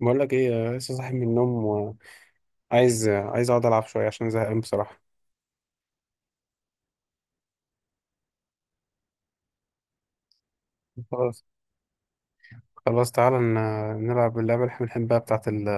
بقول لك ايه، لسه صاحي من النوم. وعايز اقعد العب شويه عشان زهقان بصراحه. خلاص خلاص، تعالى نلعب اللعبه اللي احنا بنحبها بتاعه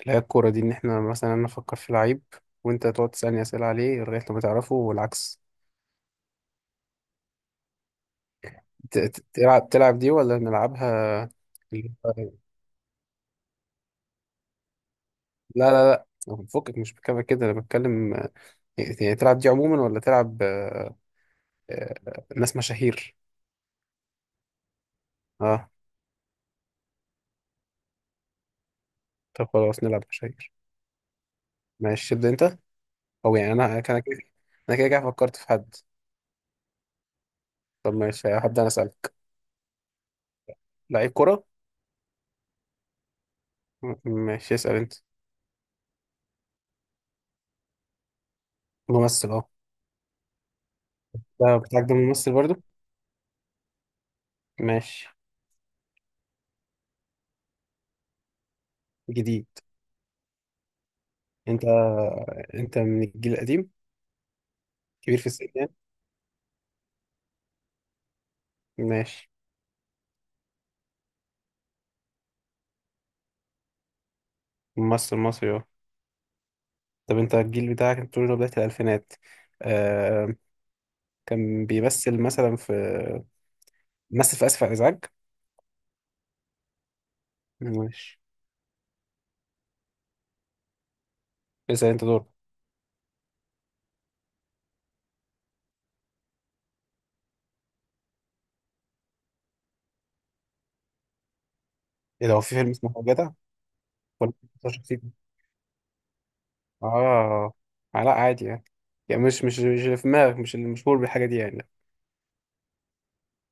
اللي هي الكوره دي. ان احنا مثلا انا افكر في لعيب، وانت تقعد تسالني اسئله عليه لغايه لما تعرفه والعكس. تلعب دي ولا نلعبها؟ ال- لا لا لا، فكك، مش بتكلم كده، انا بتكلم، يعني تلعب دي عموما ولا تلعب؟ آه، ناس مشاهير. اه. طب خلاص نلعب مشاهير. ماشي، تبدا انت. هو يعني انا كان كده. انا كده كده فكرت في حد. طب ماشي، هبدأ انا اسالك. لعيب كرة. ماشي اسال انت. ممثل اهو. ده بتاعك ده ممثل برضو؟ ماشي. جديد. انت انت من الجيل القديم. كبير في السن يعني. ماشي. ممثل مصري اهو. طب انت الجيل بتاعك انت بتقول إنه بداية الالفينات، آه... كان بيمثل مثلا في، مثل في اسف على الازعاج؟ ماشي. اسال انت دور. ايه ده، هو في فيلم اسمه جدع ولا؟ اه. لا عادي يعني، يعني مش اللي في دماغك، مش اللي مشهور بالحاجة دي يعني.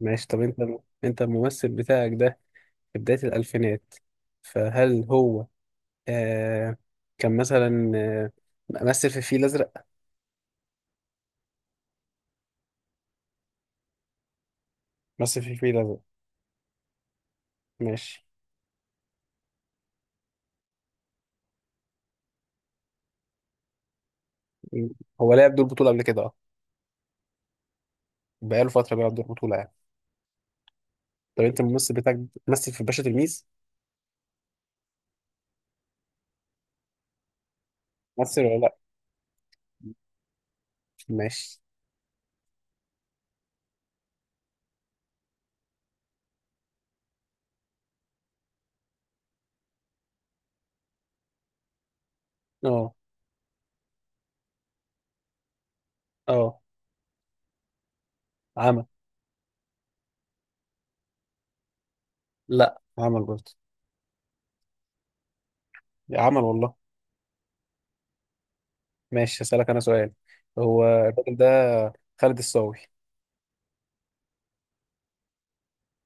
ماشي. طب انت الممثل بتاعك ده، في بداية الألفينات، فهل هو آه كان مثلا مثل في الفيل الأزرق؟ مثل في الفيل الأزرق. ماشي. م- هو لعب دور بطولة قبل كده، اه. بقاله فترة بيلعب دور بطولة يعني. طب انت الممثل بتاعك مثل في باشا تلميذ؟ مثل ولا لا؟ ماشي. اه، اه، عمل. لا عمل برضه. عمل والله. ماشي. هسألك أنا سؤال. هو الراجل ده خالد الصاوي.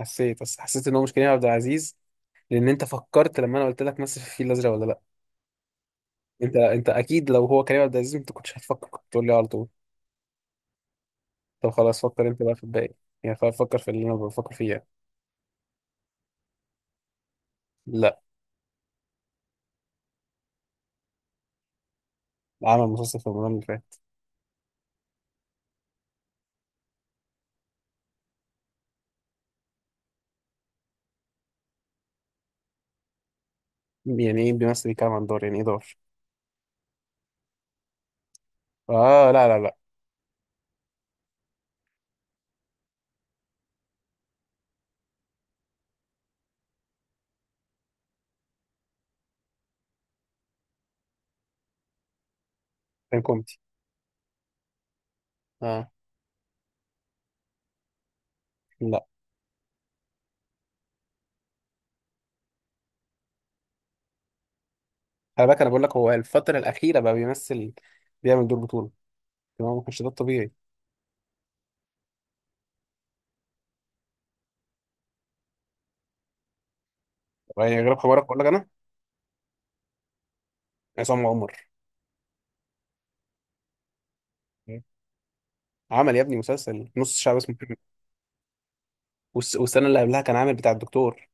حسيت، بس حسيت إن هو مش كريم عبد العزيز، لأن أنت فكرت لما أنا قلت لك مثل في الفيل الأزرق ولا لأ. أنت أكيد لو هو كريم عبد العزيز أنت كنتش هتفكر، كنت تقول لي على طول. طب خلاص، فكر أنت بقى في الباقي. يعني خلاص، فكر في اللي أنا بفكر فيه يعني. لأ. عمل مسلسل في رمضان اللي فات. يعني إيه بيمثل بيتكلم عن دار؟ يعني إيه دار؟ آه، لا، لا، لأ. كان كوميدي. آه. لأ. خلي بالك، أنا بقول لك هو الفترة الأخيرة بقى بيمثل، بيعمل دور بطولة. تمام، ما كانش ده الطبيعي. يعني غير حوارك أقول لك أنا. عصام عمر. عمل يا ابني مسلسل نص الشعب اسمه محمد. والسنه اللي قبلها كان عامل بتاع الدكتور.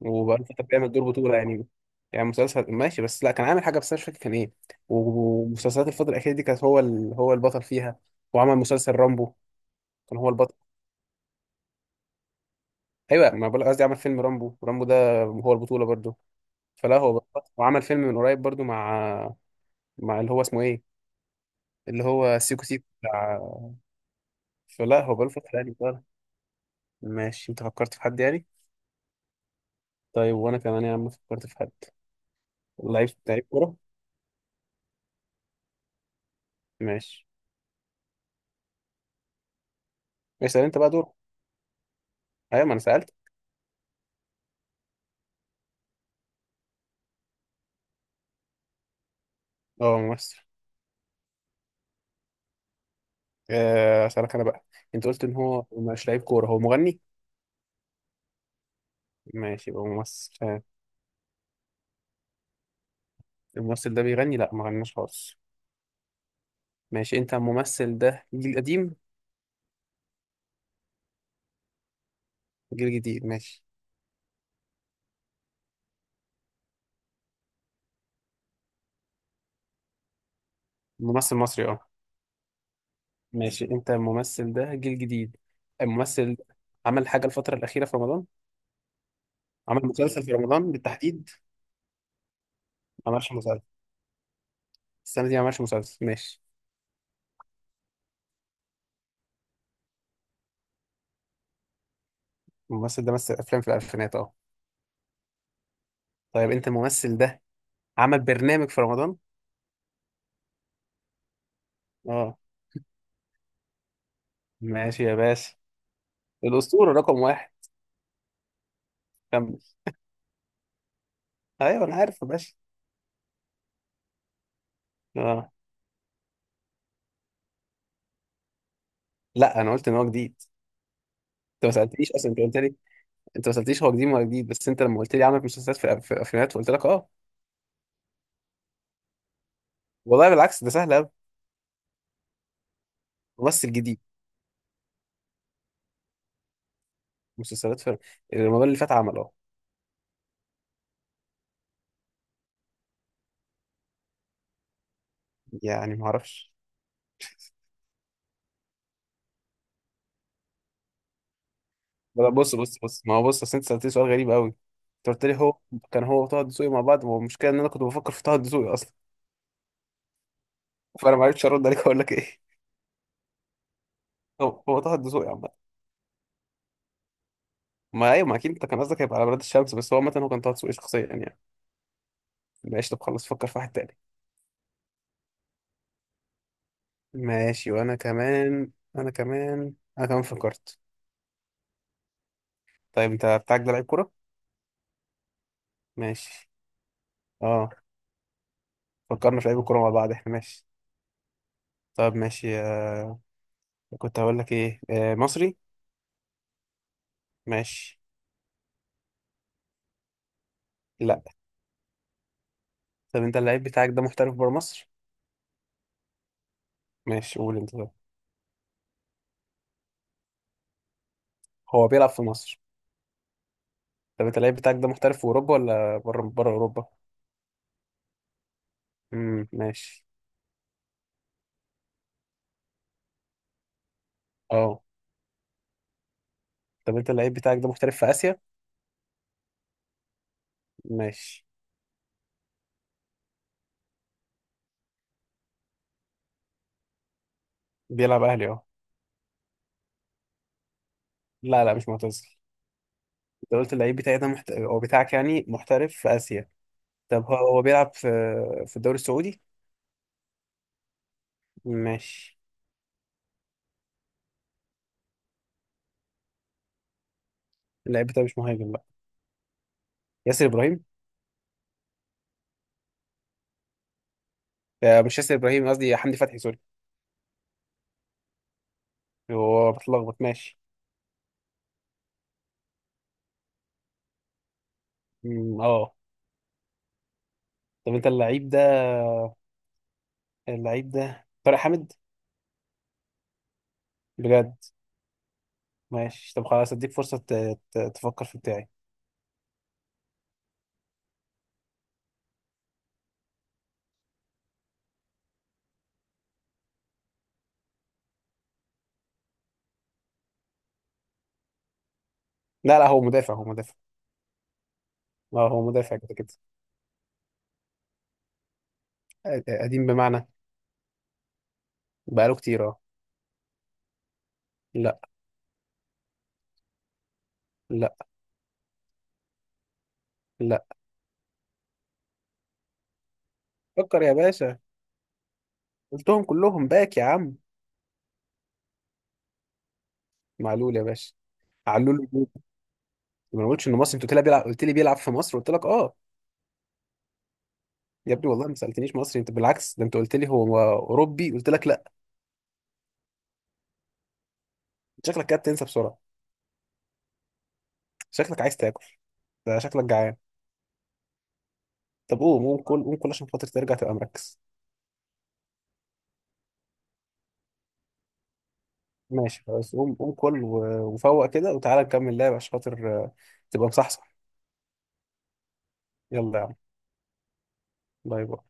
وبقاله فتره بيعمل دور بطوله يعني. يعني مسلسل ماشي، بس لا كان عامل حاجه بس أنا مش فاكر كان ايه. ومسلسلات الفتره الاخيره دي كانت هو هو البطل فيها. وعمل مسلسل رامبو. كان هو البطل. ايوه، ما بقول قصدي عمل فيلم رامبو، ورامبو ده هو البطوله برضه. فلا، هو بطل. وعمل فيلم من قريب برضه مع اللي هو اسمه ايه، اللي هو سيكو سيكو بتاع. فلا هو بقاله فتره يعني بطل. ماشي. انت فكرت في حد يعني؟ طيب وانا كمان يا عم فكرت في حد. لعيب، لعيب كورة. ماشي. اسأل انت بقى دور. ايوه، ما انا سألت. اه، ممثل. اسألك انا بقى. انت قلت ان هو مش لعيب كورة، هو مغني؟ ماشي، يبقى ممثل. الممثل ده بيغني؟ لا ما غناش خالص. ماشي. انت الممثل ده جيل قديم؟ جيل جديد. ماشي. ممثل مصري اه. ماشي. انت الممثل ده جيل جديد. الممثل ده عمل حاجة الفترة الأخيرة في رمضان؟ عمل مسلسل في رمضان بالتحديد. ما عملش مسلسل. السنة دي ما عملش مسلسل. ماشي. الممثل ده مثل أفلام في الألفينات اه. طيب، انت الممثل ده عمل برنامج في رمضان اه. ماشي يا باشا. الأسطورة رقم واحد. كمل. ايوه انا عارف يا باشا. اه، لا انا قلت ان هو جديد. انت ما سألتنيش اصلا، انت قلت لي. انت ما سألتنيش هو جديد ولا جديد، بس انت لما قلت لي عمل مسلسلات في افلامات فقلت لك اه. والله بالعكس، ده سهل قوي. ممثل جديد. مسلسلات في رمضان اللي فات عمل اه. يعني ما اعرفش. لا، بص بص بص، ما هو بص اصل انت سألتني سؤال غريب قوي. انت قلت لي هو كان هو وطه الدسوقي مع بعض، والمشكله ان انا كنت بفكر في طه الدسوقي اصلا. فانا ما عرفتش ارد عليك اقول لك ايه. هو هو طه الدسوقي عامة. ما ايوه، ما اكيد انت كان قصدك هيبقى على بلاد الشمس، بس هو عامة هو كان طه دسوقي شخصيا يعني. ماشي. طب خلص، فكر في واحد تاني. ماشي. وانا كمان انا كمان انا كمان فكرت. طيب، انت بتاعك ده لعيب كورة؟ ماشي اه. فكرنا في لعيب الكورة مع بعض احنا، ماشي. طب ماشي. كنت هقول لك ايه، مصري. ماشي. لا. طب انت اللعيب بتاعك ده محترف بره مصر؟ ماشي. قول انت ده. هو بيلعب في مصر. طب انت اللعيب بتاعك ده محترف في اوروبا ولا بره بره اوروبا؟ امم، ماشي. اه. طب انت اللعيب بتاعك ده محترف في اسيا؟ ماشي. بيلعب اهلي اه. لا لا، مش معتزل. انت قلت اللعيب بتاعي ده او بتاعك يعني محترف في اسيا. طب هو بيلعب في الدوري السعودي. ماشي. اللعيب بتاعي مش مهاجم بقى. ياسر ابراهيم. آه، مش ياسر ابراهيم، قصدي حمدي فتحي، سوري. هو بتلخبط ماشي. أمم، اه. طب انت اللعيب ده، اللعيب ده طارق حامد. بجد. ماشي. طب خلاص، اديك فرصة تفكر في بتاعي. لا لا، هو مدافع، هو مدافع. اه، هو مدافع كده كده. قديم بمعنى؟ بقاله كتير اه. لا، لا، لا. فكر يا باشا. قلتهم كلهم باك يا عم. معلول يا باشا. علول الجول. ما قلتش انه مصري، انت قلت لي بيلعب، قلت لي بيلعب في مصر قلت لك اه. يا ابني والله ما سالتنيش مصري، انت بالعكس ده انت قلت لي هو اوروبي قلت لك لا. شكلك كده بتنسى بسرعه. شكلك عايز تاكل. ده شكلك جعان. طب قوم قوم كل، قوم كل عشان خاطر ترجع تبقى مركز. ماشي خلاص، قوم قوم كل، وفوق كده، وتعالى نكمل لعب عشان خاطر تبقى مصحصح. يلا يا عم. باي باي.